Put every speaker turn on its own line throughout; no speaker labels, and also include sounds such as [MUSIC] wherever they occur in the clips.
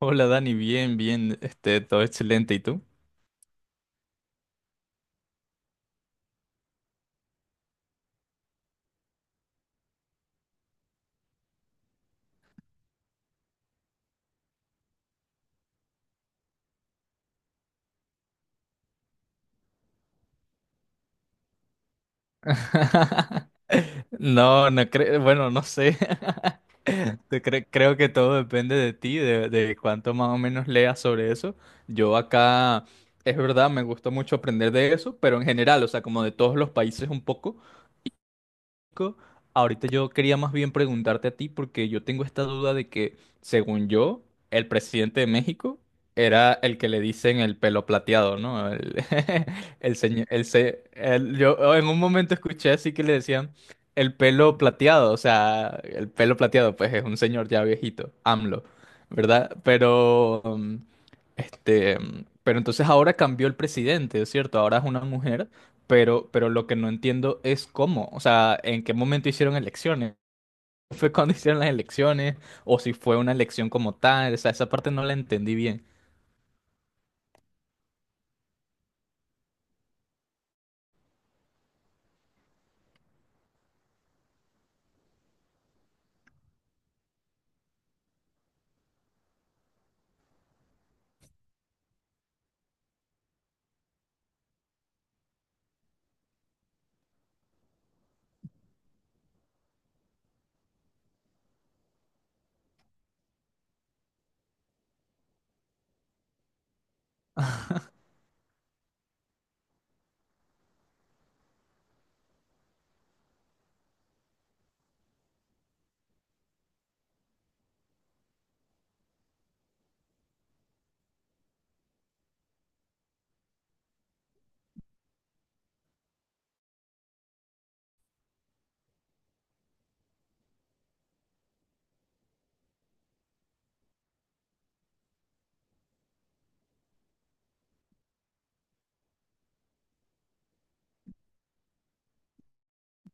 Hola Dani, bien, bien, todo excelente, ¿y tú? [LAUGHS] No, no creo, bueno, no sé. [LAUGHS] Creo que todo depende de ti, de cuánto más o menos leas sobre eso. Yo acá, es verdad, me gusta mucho aprender de eso, pero en general, o sea, como de todos los países un poco. Ahorita yo quería más bien preguntarte a ti porque yo tengo esta duda de que, según yo, el presidente de México era el que le dicen el pelo plateado, ¿no? [LAUGHS] El señor, el, se- el- yo oh, en un momento escuché así que le decían el pelo plateado, o sea, el pelo plateado, pues es un señor ya viejito, AMLO, ¿verdad? Pero entonces ahora cambió el presidente, ¿es cierto? Ahora es una mujer. Pero lo que no entiendo es cómo, o sea, en qué momento hicieron elecciones. [LAUGHS] ¿Fue cuando hicieron las elecciones? ¿O si fue una elección como tal? O sea, esa parte no la entendí bien.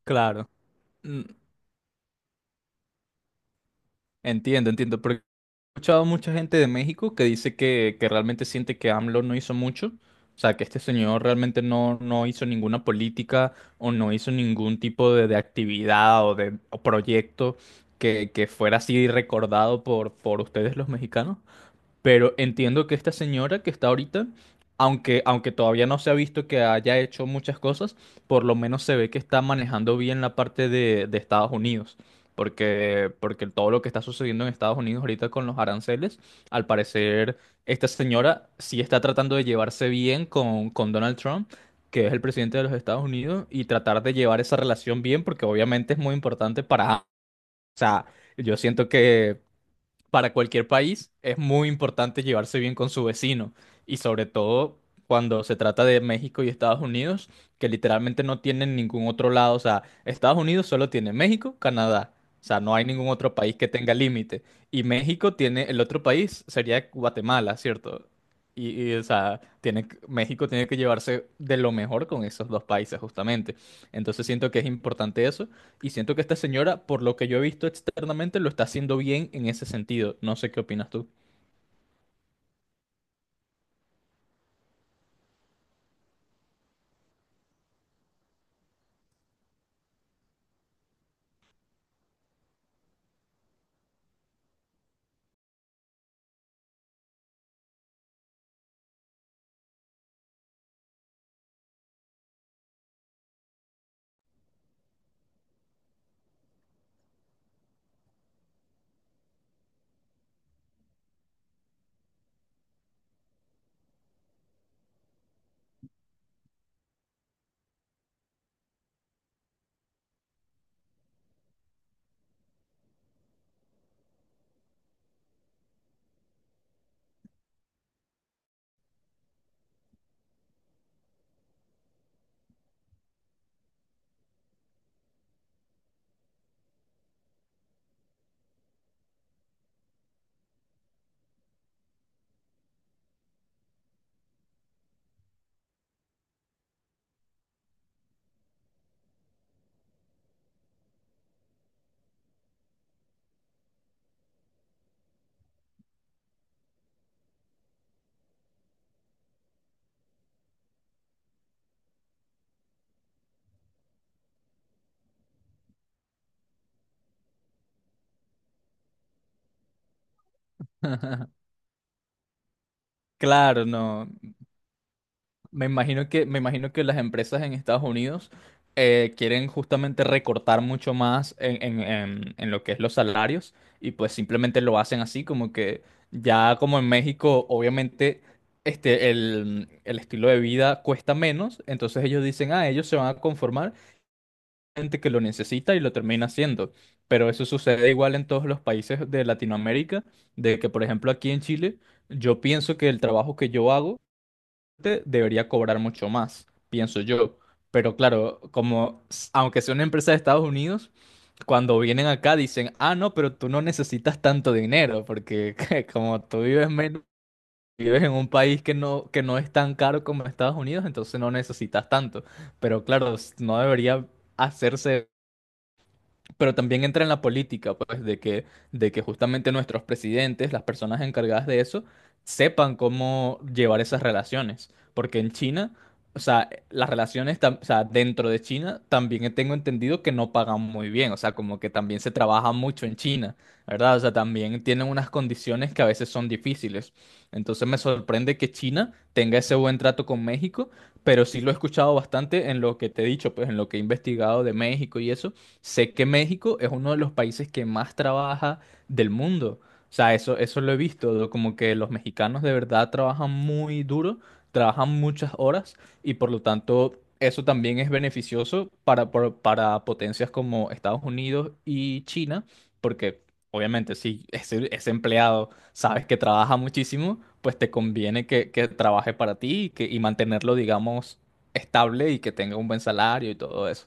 Claro. Mm, entiendo, entiendo. Porque he escuchado mucha gente de México que dice que realmente siente que AMLO no hizo mucho. O sea, que este señor realmente no, no hizo ninguna política o no hizo ningún tipo de actividad o proyecto que fuera así recordado por ustedes los mexicanos. Pero entiendo que esta señora que está ahorita, aunque todavía no se ha visto que haya hecho muchas cosas, por lo menos se ve que está manejando bien la parte de Estados Unidos. Porque todo lo que está sucediendo en Estados Unidos ahorita con los aranceles, al parecer esta señora sí está tratando de llevarse bien con Donald Trump, que es el presidente de los Estados Unidos, y tratar de llevar esa relación bien, porque obviamente es muy importante para... O sea, yo siento que para cualquier país es muy importante llevarse bien con su vecino y sobre todo cuando se trata de México y Estados Unidos, que literalmente no tienen ningún otro lado, o sea, Estados Unidos solo tiene México, Canadá, o sea, no hay ningún otro país que tenga límite y México tiene, el otro país sería Guatemala, ¿cierto? Y, o sea, tiene, que- México tiene que llevarse de lo mejor con esos dos países justamente. Entonces siento que es importante eso y siento que esta señora, por lo que yo he visto externamente, lo está haciendo bien en ese sentido. No sé qué opinas tú. [LAUGHS] Claro, no. Me imagino que las empresas en Estados Unidos quieren justamente recortar mucho más en lo que es los salarios y pues simplemente lo hacen así, como que ya como en México, obviamente, el estilo de vida cuesta menos, entonces ellos dicen, ah, ellos se van a conformar gente que lo necesita y lo termina haciendo. Pero eso sucede igual en todos los países de Latinoamérica, de que, por ejemplo, aquí en Chile, yo pienso que el trabajo que yo hago debería cobrar mucho más, pienso yo. Pero claro, aunque sea una empresa de Estados Unidos, cuando vienen acá dicen, ah, no, pero tú no necesitas tanto dinero, porque [LAUGHS] como tú vives menos, vives en un país que no es tan caro como Estados Unidos, entonces no necesitas tanto. Pero claro, no debería hacerse, pero también entra en la política, pues, de que justamente nuestros presidentes, las personas encargadas de eso, sepan cómo llevar esas relaciones. Porque en China, o sea, las relaciones, o sea, dentro de China, también tengo entendido que no pagan muy bien, o sea, como que también se trabaja mucho en China, ¿verdad? O sea, también tienen unas condiciones que a veces son difíciles. Entonces me sorprende que China tenga ese buen trato con México, pero sí lo he escuchado bastante en lo que te he dicho, pues en lo que he investigado de México y eso. Sé que México es uno de los países que más trabaja del mundo. O sea, eso lo he visto, como que los mexicanos de verdad trabajan muy duro, trabajan muchas horas y por lo tanto eso también es beneficioso para potencias como Estados Unidos y China, porque obviamente si ese, ese empleado sabes que trabaja muchísimo, pues te conviene que trabaje para ti y, y mantenerlo, digamos, estable y que tenga un buen salario y todo eso.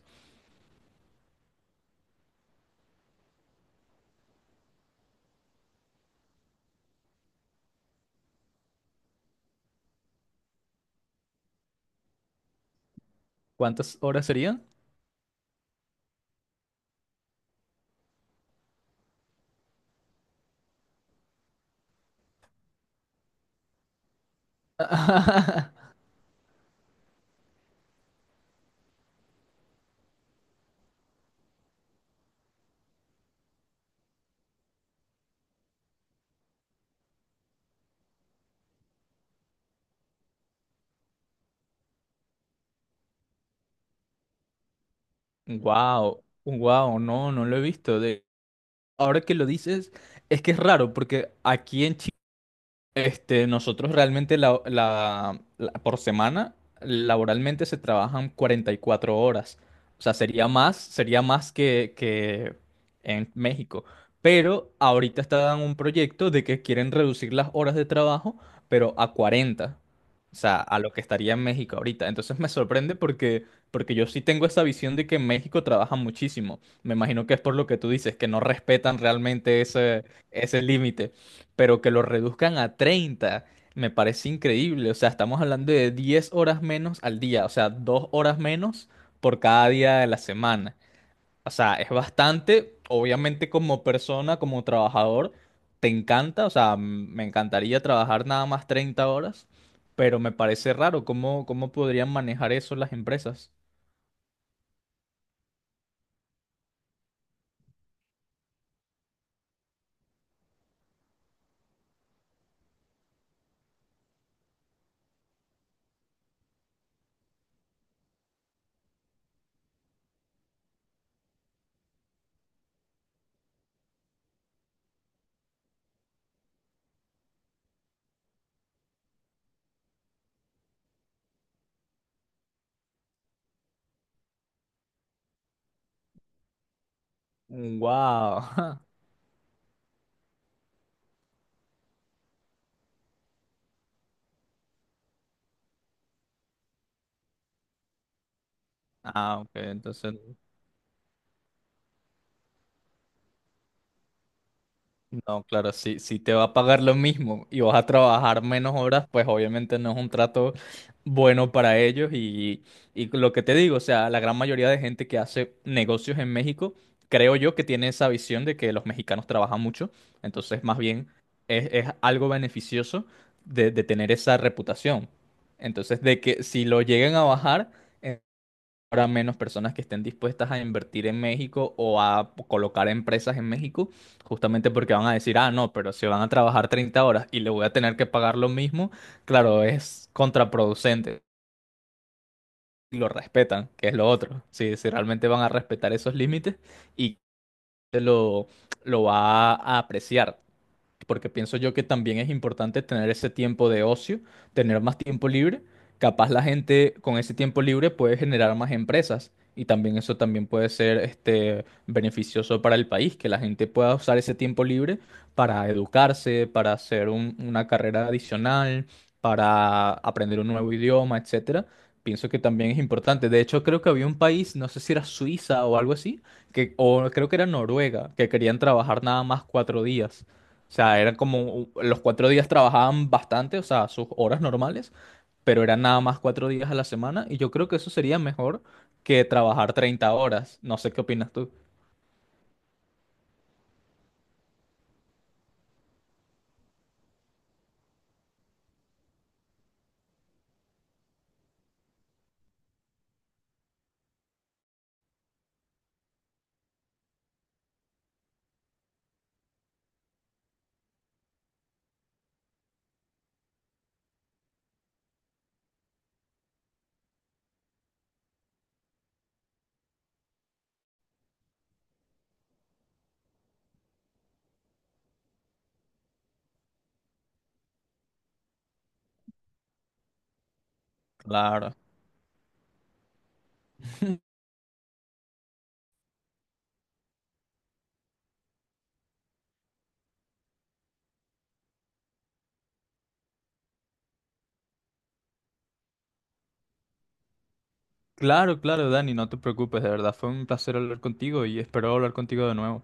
¿Cuántas horas serían? Wow, wow, no, no lo he visto. De, ahora que lo dices, es que es raro porque aquí en Chile, nosotros realmente por semana laboralmente se trabajan 44 horas. O sea, sería más que en México. Pero ahorita están en un proyecto de que quieren reducir las horas de trabajo, pero a 40. O sea, a lo que estaría en México ahorita. Entonces me sorprende porque, porque yo sí tengo esa visión de que en México trabajan muchísimo. Me imagino que es por lo que tú dices, que no respetan realmente ese, ese límite, pero que lo reduzcan a 30 me parece increíble. O sea, estamos hablando de 10 horas menos al día, o sea, 2 horas menos por cada día de la semana. O sea, es bastante, obviamente como persona, como trabajador, te encanta, o sea, me encantaría trabajar nada más 30 horas, pero me parece raro cómo, cómo podrían manejar eso las empresas. Wow. [LAUGHS] Ah, ok, entonces no, claro, si, si te va a pagar lo mismo y vas a trabajar menos horas, pues obviamente no es un trato bueno para ellos. Y lo que te digo, o sea, la gran mayoría de gente que hace negocios en México, creo yo que tiene esa visión de que los mexicanos trabajan mucho. Entonces, más bien, es algo beneficioso de tener esa reputación. Entonces, de que si lo lleguen a bajar, habrá menos personas que estén dispuestas a invertir en México o a colocar empresas en México, justamente porque van a decir, ah, no, pero si van a trabajar 30 horas y le voy a tener que pagar lo mismo, claro, es contraproducente. Y lo respetan, que es lo otro. Si, si realmente van a respetar esos límites y lo, lo va a apreciar, porque pienso yo que también es importante tener ese tiempo de ocio, tener más tiempo libre. Capaz la gente con ese tiempo libre puede generar más empresas y también eso también puede ser beneficioso para el país, que la gente pueda usar ese tiempo libre para educarse, para hacer una carrera adicional, para aprender un nuevo idioma, etcétera. Pienso que también es importante. De hecho, creo que había un país, no sé si era Suiza o algo así, que, o creo que era Noruega, que querían trabajar nada más cuatro días. O sea, eran como los cuatro días trabajaban bastante, o sea, sus horas normales, pero eran nada más cuatro días a la semana y yo creo que eso sería mejor que trabajar 30 horas. No sé qué opinas tú. Claro. [LAUGHS] Claro, claro, Dani, no te preocupes, de verdad fue un placer hablar contigo y espero hablar contigo de nuevo.